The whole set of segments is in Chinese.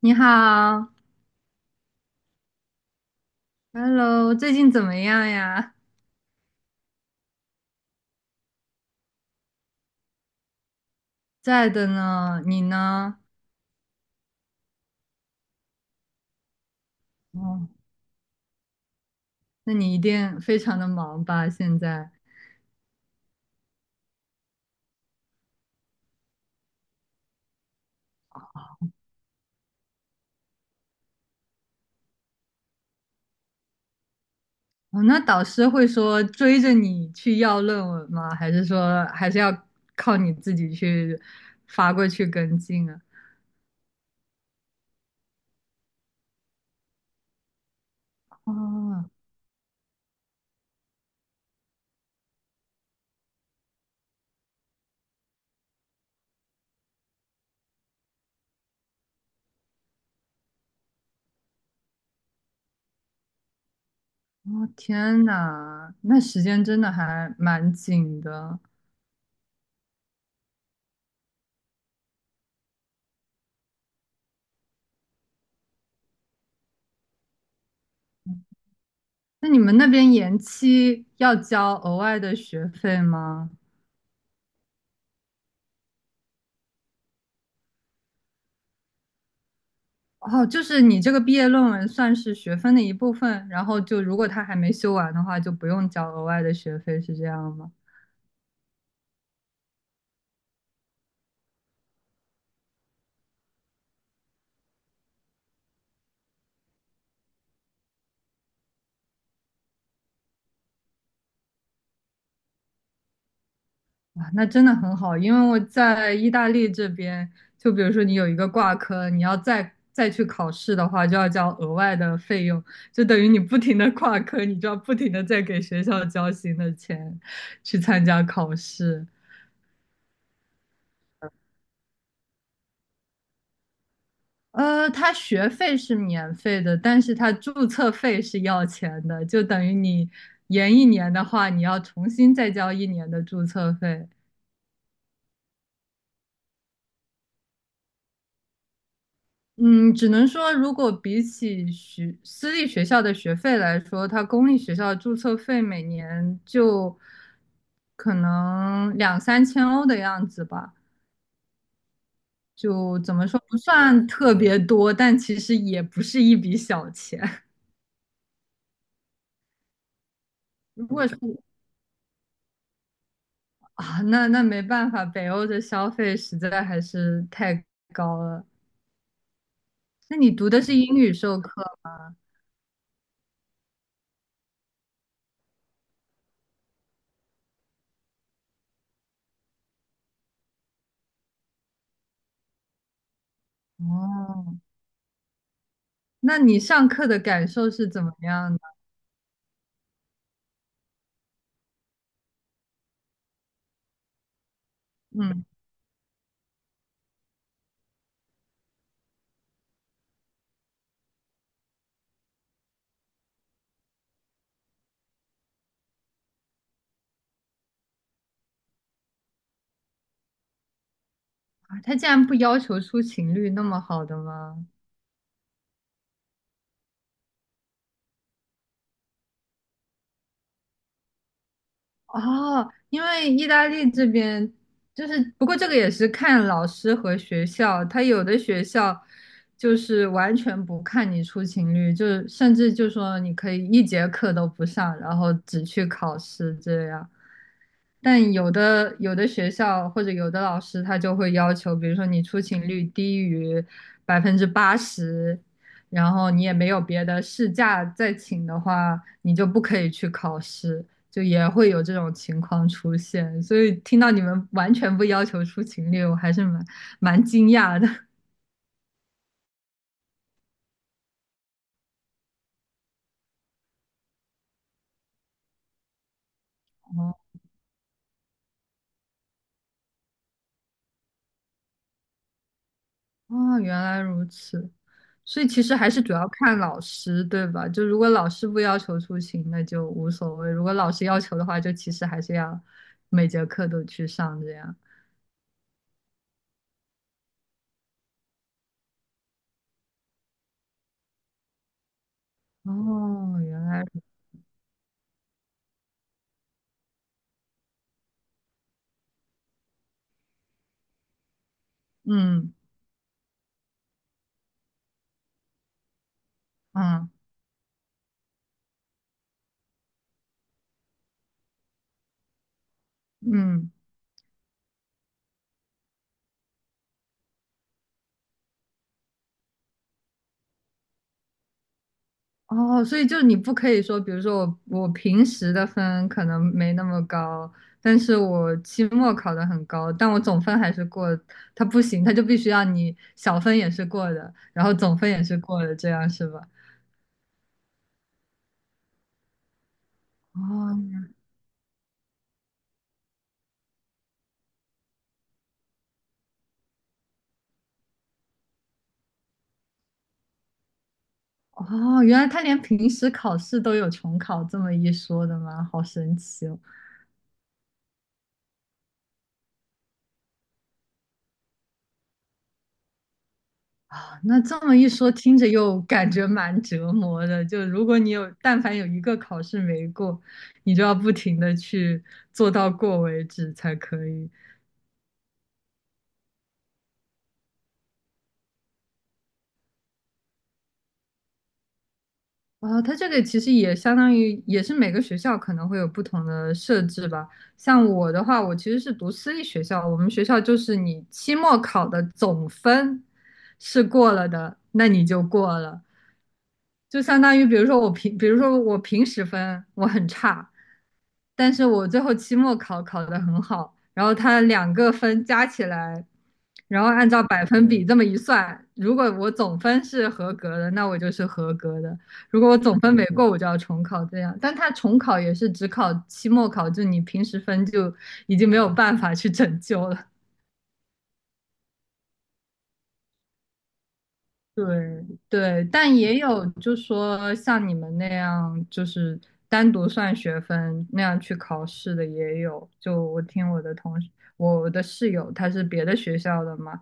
你好，Hello，最近怎么样呀？在的呢，你呢？哦，那你一定非常的忙吧？现在，哦，那导师会说追着你去要论文吗？还是说还是要靠你自己去发过去跟进啊？哦，哦，天呐，那时间真的还蛮紧的。那你们那边延期要交额外的学费吗？哦，就是你这个毕业论文算是学分的一部分，然后就如果他还没修完的话，就不用交额外的学费，是这样吗？哇，那真的很好，因为我在意大利这边，就比如说你有一个挂科，你要再去考试的话，就要交额外的费用，就等于你不停的挂科，你就要不停的在给学校交新的钱去参加考试。它学费是免费的，但是它注册费是要钱的，就等于你延一年的话，你要重新再交一年的注册费。嗯，只能说，如果比起学私立学校的学费来说，它公立学校的注册费每年就可能两三千欧的样子吧，就怎么说不算特别多，但其实也不是一笔小钱。如果是。啊，那没办法，北欧的消费实在还是太高了。那你读的是英语授课哦？那你上课的感受是怎么样的？嗯，啊他竟然不要求出勤率那么好的吗？哦，因为意大利这边就是，不过这个也是看老师和学校，他有的学校就是完全不看你出勤率，就是甚至就说你可以一节课都不上，然后只去考试这样。但有的学校或者有的老师他就会要求，比如说你出勤率低于80%，然后你也没有别的事假再请的话，你就不可以去考试。就也会有这种情况出现，所以听到你们完全不要求出勤率，我还是蛮惊讶的。哦，哦，原来如此，所以其实还是主要看老师，对吧？就如果老师不要求出勤，那就无所谓；如果老师要求的话，就其实还是要每节课都去上这样。哦，原来，嗯嗯嗯。哦，所以就是你不可以说，比如说我平时的分可能没那么高，但是我期末考的很高，但我总分还是过，它不行，它就必须要你小分也是过的，然后总分也是过的，这样是吧？哦哦，原来他连平时考试都有重考这么一说的吗？好神奇哦！啊，那这么一说，听着又感觉蛮折磨的。就如果你有，但凡有一个考试没过，你就要不停的去做到过为止才可以。啊，它这个其实也相当于也是每个学校可能会有不同的设置吧。像我的话，我其实是读私立学校，我们学校就是你期末考的总分是过了的，那你就过了。就相当于，比如说我平时分我很差，但是我最后期末考考得很好，然后它两个分加起来，然后按照百分比这么一算，如果我总分是合格的，那我就是合格的；如果我总分没过，我就要重考这样。但他重考也是只考期末考，就你平时分就已经没有办法去拯救了。对对，但也有就说像你们那样，就是单独算学分那样去考试的也有。就我听我的同事，我的室友他是别的学校的嘛，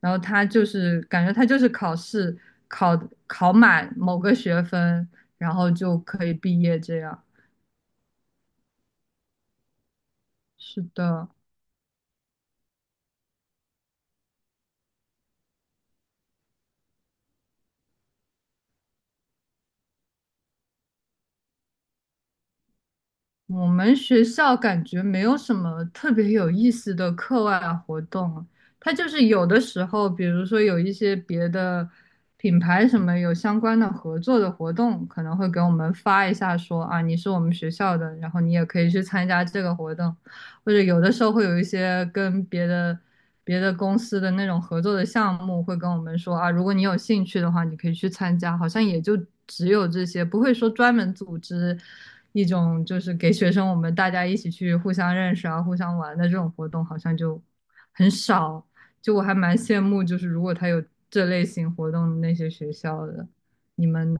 然后他就是感觉他就是考试考考满某个学分，然后就可以毕业这样。是的，我们学校感觉没有什么特别有意思的课外活动啊，它就是有的时候，比如说有一些别的品牌什么有相关的合作的活动，可能会给我们发一下说啊，你是我们学校的，然后你也可以去参加这个活动，或者有的时候会有一些跟别的。别的公司的那种合作的项目，会跟我们说啊，如果你有兴趣的话，你可以去参加。好像也就只有这些，不会说专门组织一种就是给学生我们大家一起去互相认识啊、互相玩的这种活动，好像就很少。就我还蛮羡慕，就是如果他有这类型活动的那些学校的，你们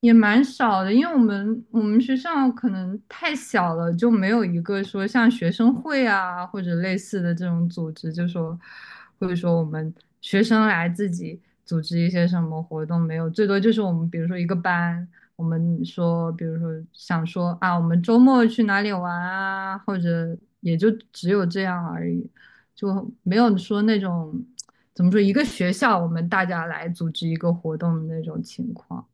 也蛮少的，因为我们学校可能太小了，就没有一个说像学生会啊或者类似的这种组织，就说或者说我们学生来自己组织一些什么活动没有，最多就是我们比如说一个班，我们说比如说想说啊，我们周末去哪里玩啊，或者也就只有这样而已，就没有说那种怎么说一个学校我们大家来组织一个活动的那种情况。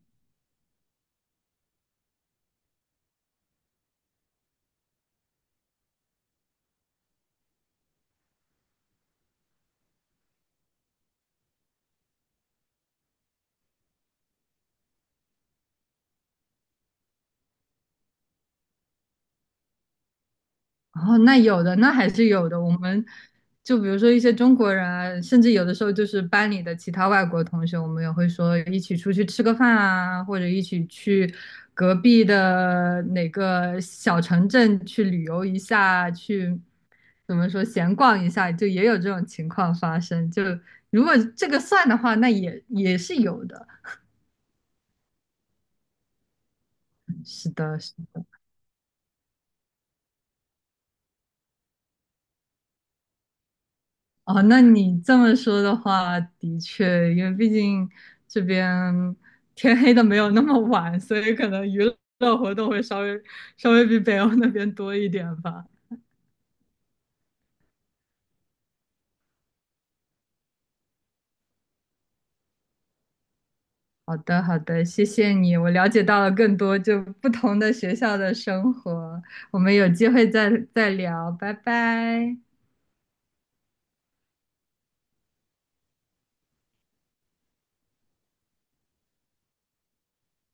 哦，那有的，那还是有的。我们就比如说一些中国人啊甚至有的时候就是班里的其他外国同学，我们也会说一起出去吃个饭啊，或者一起去隔壁的哪个小城镇去旅游一下，去怎么说闲逛一下，就也有这种情况发生。就如果这个算的话，那也是有的。是的，哦，那你这么说的话，的确，因为毕竟这边天黑的没有那么晚，所以可能娱乐活动会稍微比北欧那边多一点吧。好的，好的，谢谢你，我了解到了更多就不同的学校的生活，我们有机会再聊，拜拜。